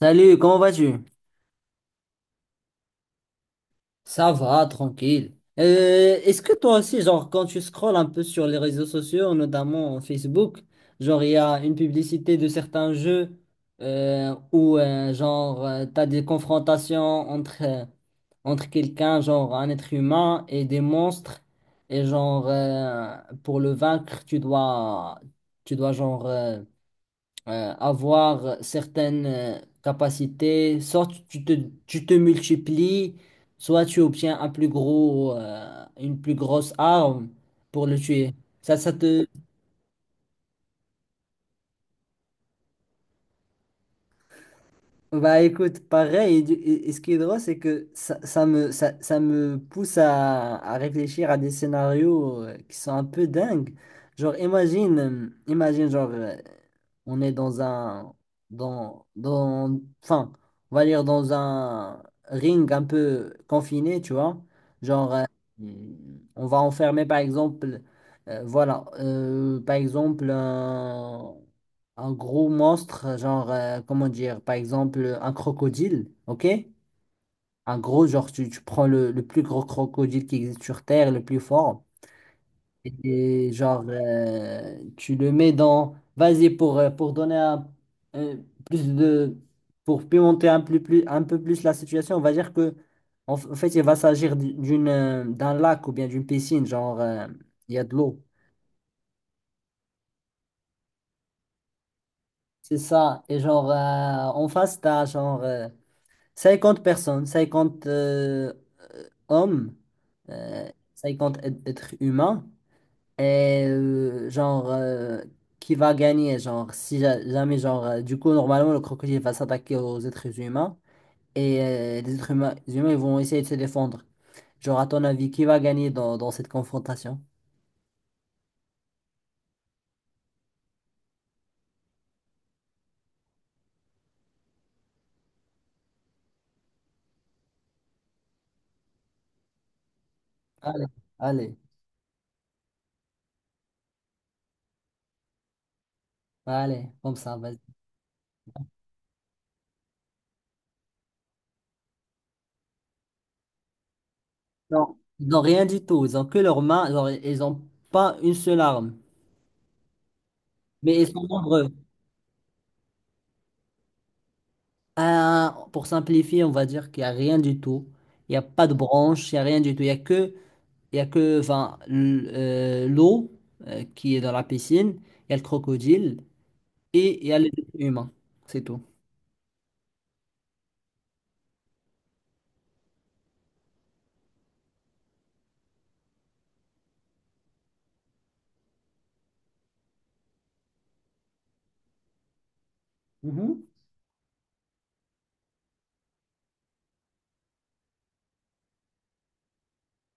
Salut, comment vas-tu? Ça va, tranquille. Est-ce que toi aussi, genre, quand tu scrolles un peu sur les réseaux sociaux, notamment Facebook, genre, il y a une publicité de certains jeux où, genre, t'as des confrontations entre quelqu'un, genre, un être humain et des monstres. Et genre, pour le vaincre, tu dois, genre, avoir certaines capacités, soit tu te multiplies, soit tu obtiens une plus grosse arme pour le tuer. Ça te. Bah écoute, pareil, et ce qui est drôle, c'est que ça, ça me pousse à réfléchir à des scénarios qui sont un peu dingues. Genre, imagine, genre, on est dans enfin, on va dire dans un ring un peu confiné, tu vois. Genre, on va enfermer, par exemple, voilà, par exemple, un gros monstre, genre, comment dire, par exemple, un crocodile, ok? Un gros, genre, tu prends le plus gros crocodile qui existe sur Terre, le plus fort, et genre, tu le mets dans. Vas-y, pour donner un, euh, plus de. Pour pimenter un peu plus la situation, on va dire que, en fait, il va s'agir d'un lac ou bien d'une piscine, genre, il y a de l'eau. C'est ça. Et genre, en face, t'as genre, 50 personnes, 50 hommes, euh, 50 êtres humains, et genre, qui va gagner, genre, si jamais, genre, du coup, normalement, le crocodile va s'attaquer aux êtres humains, et les humains, ils vont essayer de se défendre. Genre, à ton avis, qui va gagner dans cette confrontation? Allez, allez, allez, comme ça, vas-y. Non. Ils n'ont rien du tout, ils ont que leurs mains, genre, ils n'ont pas une seule arme, mais ils sont nombreux. Pour simplifier, on va dire qu'il n'y a rien du tout. Il n'y a pas de branche, il n'y a rien du tout. Il n'y a que, enfin, l'eau qui est dans la piscine, il y a le crocodile et il y a les humains. C'est tout. Mhm.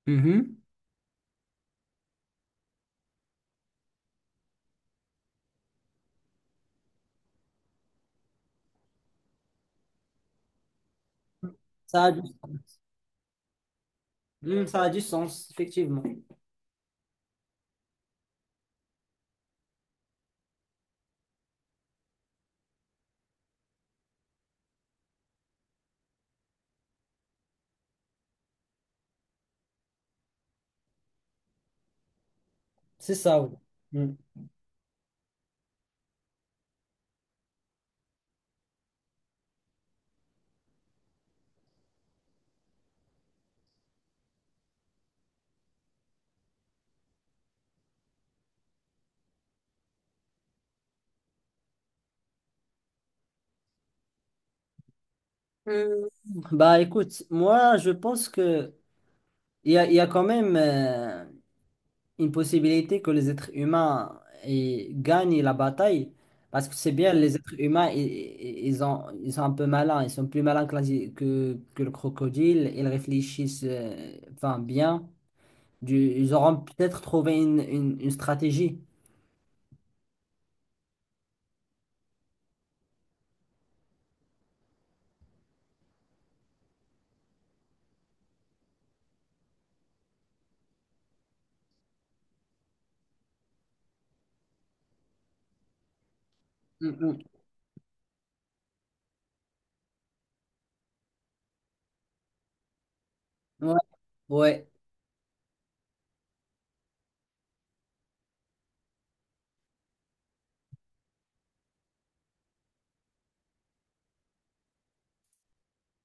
Mhm. Ça a du sens. Mm, ça a du sens, effectivement. C'est ça, oui. Mm. Bah écoute, moi je pense que il y a quand même, une possibilité que les êtres humains, gagnent la bataille. Parce que c'est bien, les êtres humains, ils sont un peu malins, ils sont plus malins que, la- si, que le crocodile, ils réfléchissent enfin, bien. Ils auront peut-être trouvé une stratégie. Mm, mm. Ouais. Ouais.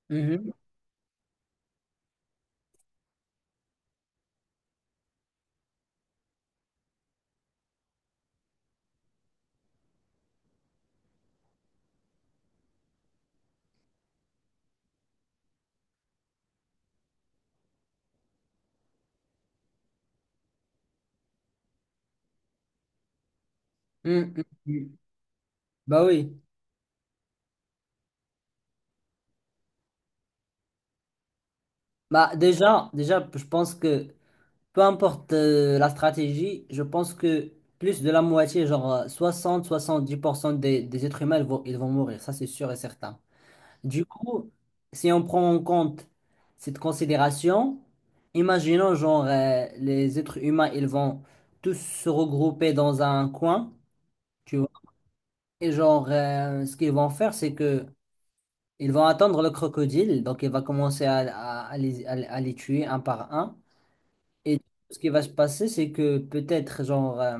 Mhm. Mm, mm, mm. Bah oui. Bah déjà, je pense que peu importe la stratégie, je pense que plus de la moitié, genre 60-70% des êtres humains, ils vont mourir, ça c'est sûr et certain. Du coup, si on prend en compte cette considération, imaginons genre les êtres humains, ils vont tous se regrouper dans un coin, tu vois, et genre ce qu'ils vont faire, c'est que ils vont attendre le crocodile, donc il va commencer à les tuer un par un. Et ce qui va se passer, c'est que peut-être, genre,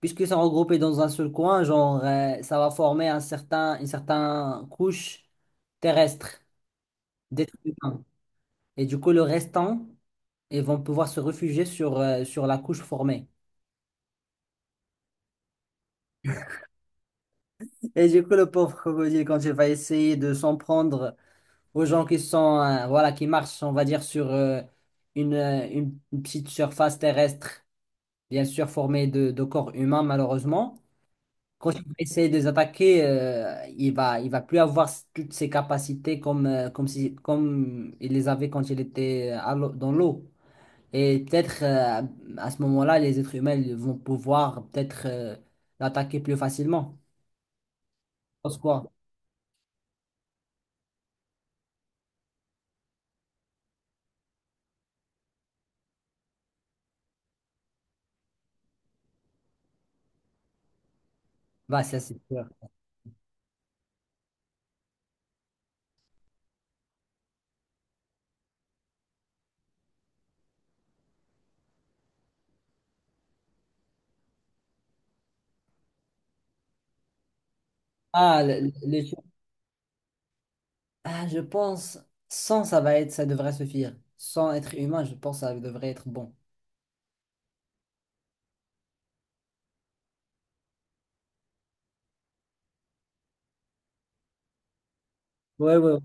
puisque c'est regroupé dans un seul coin, genre, ça va former une certaine couche terrestre d'êtres humains. Et du coup, le restant, ils vont pouvoir se réfugier sur la couche formée. Et du coup, le pauvre crocodile, quand il va essayer de s'en prendre aux gens qui sont, voilà, qui marchent, on va dire, sur une petite surface terrestre, bien sûr formée de corps humains, malheureusement. Quand il va essayer de les attaquer, il va plus avoir toutes ses capacités comme si, comme il les avait quand il était dans l'eau. Et peut-être à ce moment-là, les êtres humains ils vont pouvoir peut-être l'attaquer plus facilement. Je pense quoi? Bah, ça c'est sûr. Ah, le- le- les gens- ah, je pense, sans ça va être, ça devrait suffire. Sans être humain, je pense que ça devrait être bon. Ouais, ouais. Ouais.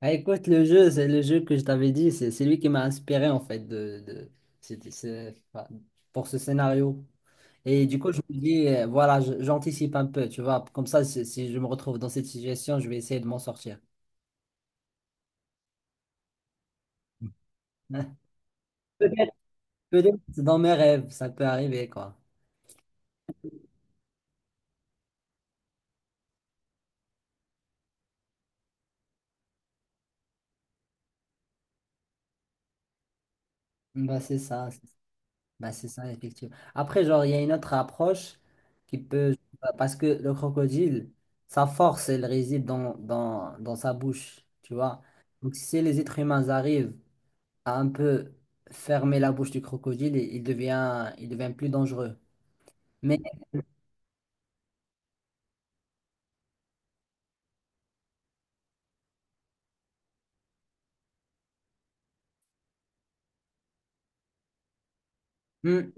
Ah, écoute, le jeu, c'est le jeu que je t'avais dit, c'est lui qui m'a inspiré en fait enfin, pour ce scénario. Et du coup, je me dis, voilà, j'anticipe un peu, tu vois, comme ça, si je me retrouve dans cette situation, je vais essayer de m'en sortir. Peut-être, peut-être dans mes rêves, ça peut arriver, quoi. Bah, c'est ça. Bah, c'est ça, effectivement. Après, genre, il y a une autre approche qui peut. Parce que le crocodile, sa force, elle réside dans sa bouche, tu vois. Donc, si les êtres humains arrivent à un peu fermer la bouche du crocodile, il devient plus dangereux. Mais, hmm,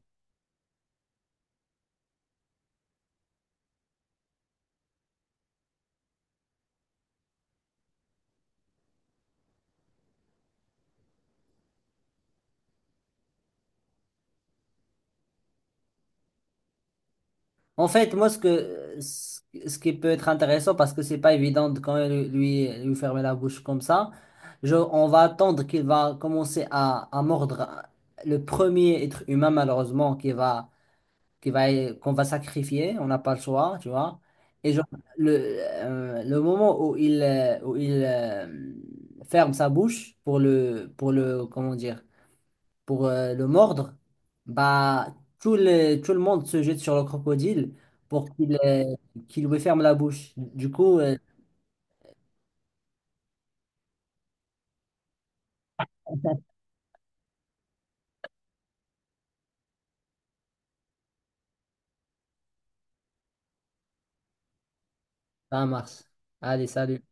en fait, moi, ce que, ce ce qui peut être intéressant, parce que c'est pas évident de quand même lui fermer la bouche comme ça, on va attendre qu'il va commencer à mordre le premier être humain, malheureusement, qu'on va sacrifier. On n'a pas le choix, tu vois. Et genre, le, le moment où il ferme sa bouche pour le, comment dire, pour le mordre, bah, tout le monde se jette sur le crocodile pour qu'il lui ferme la bouche. Du coup, ça marche. Allez, salut.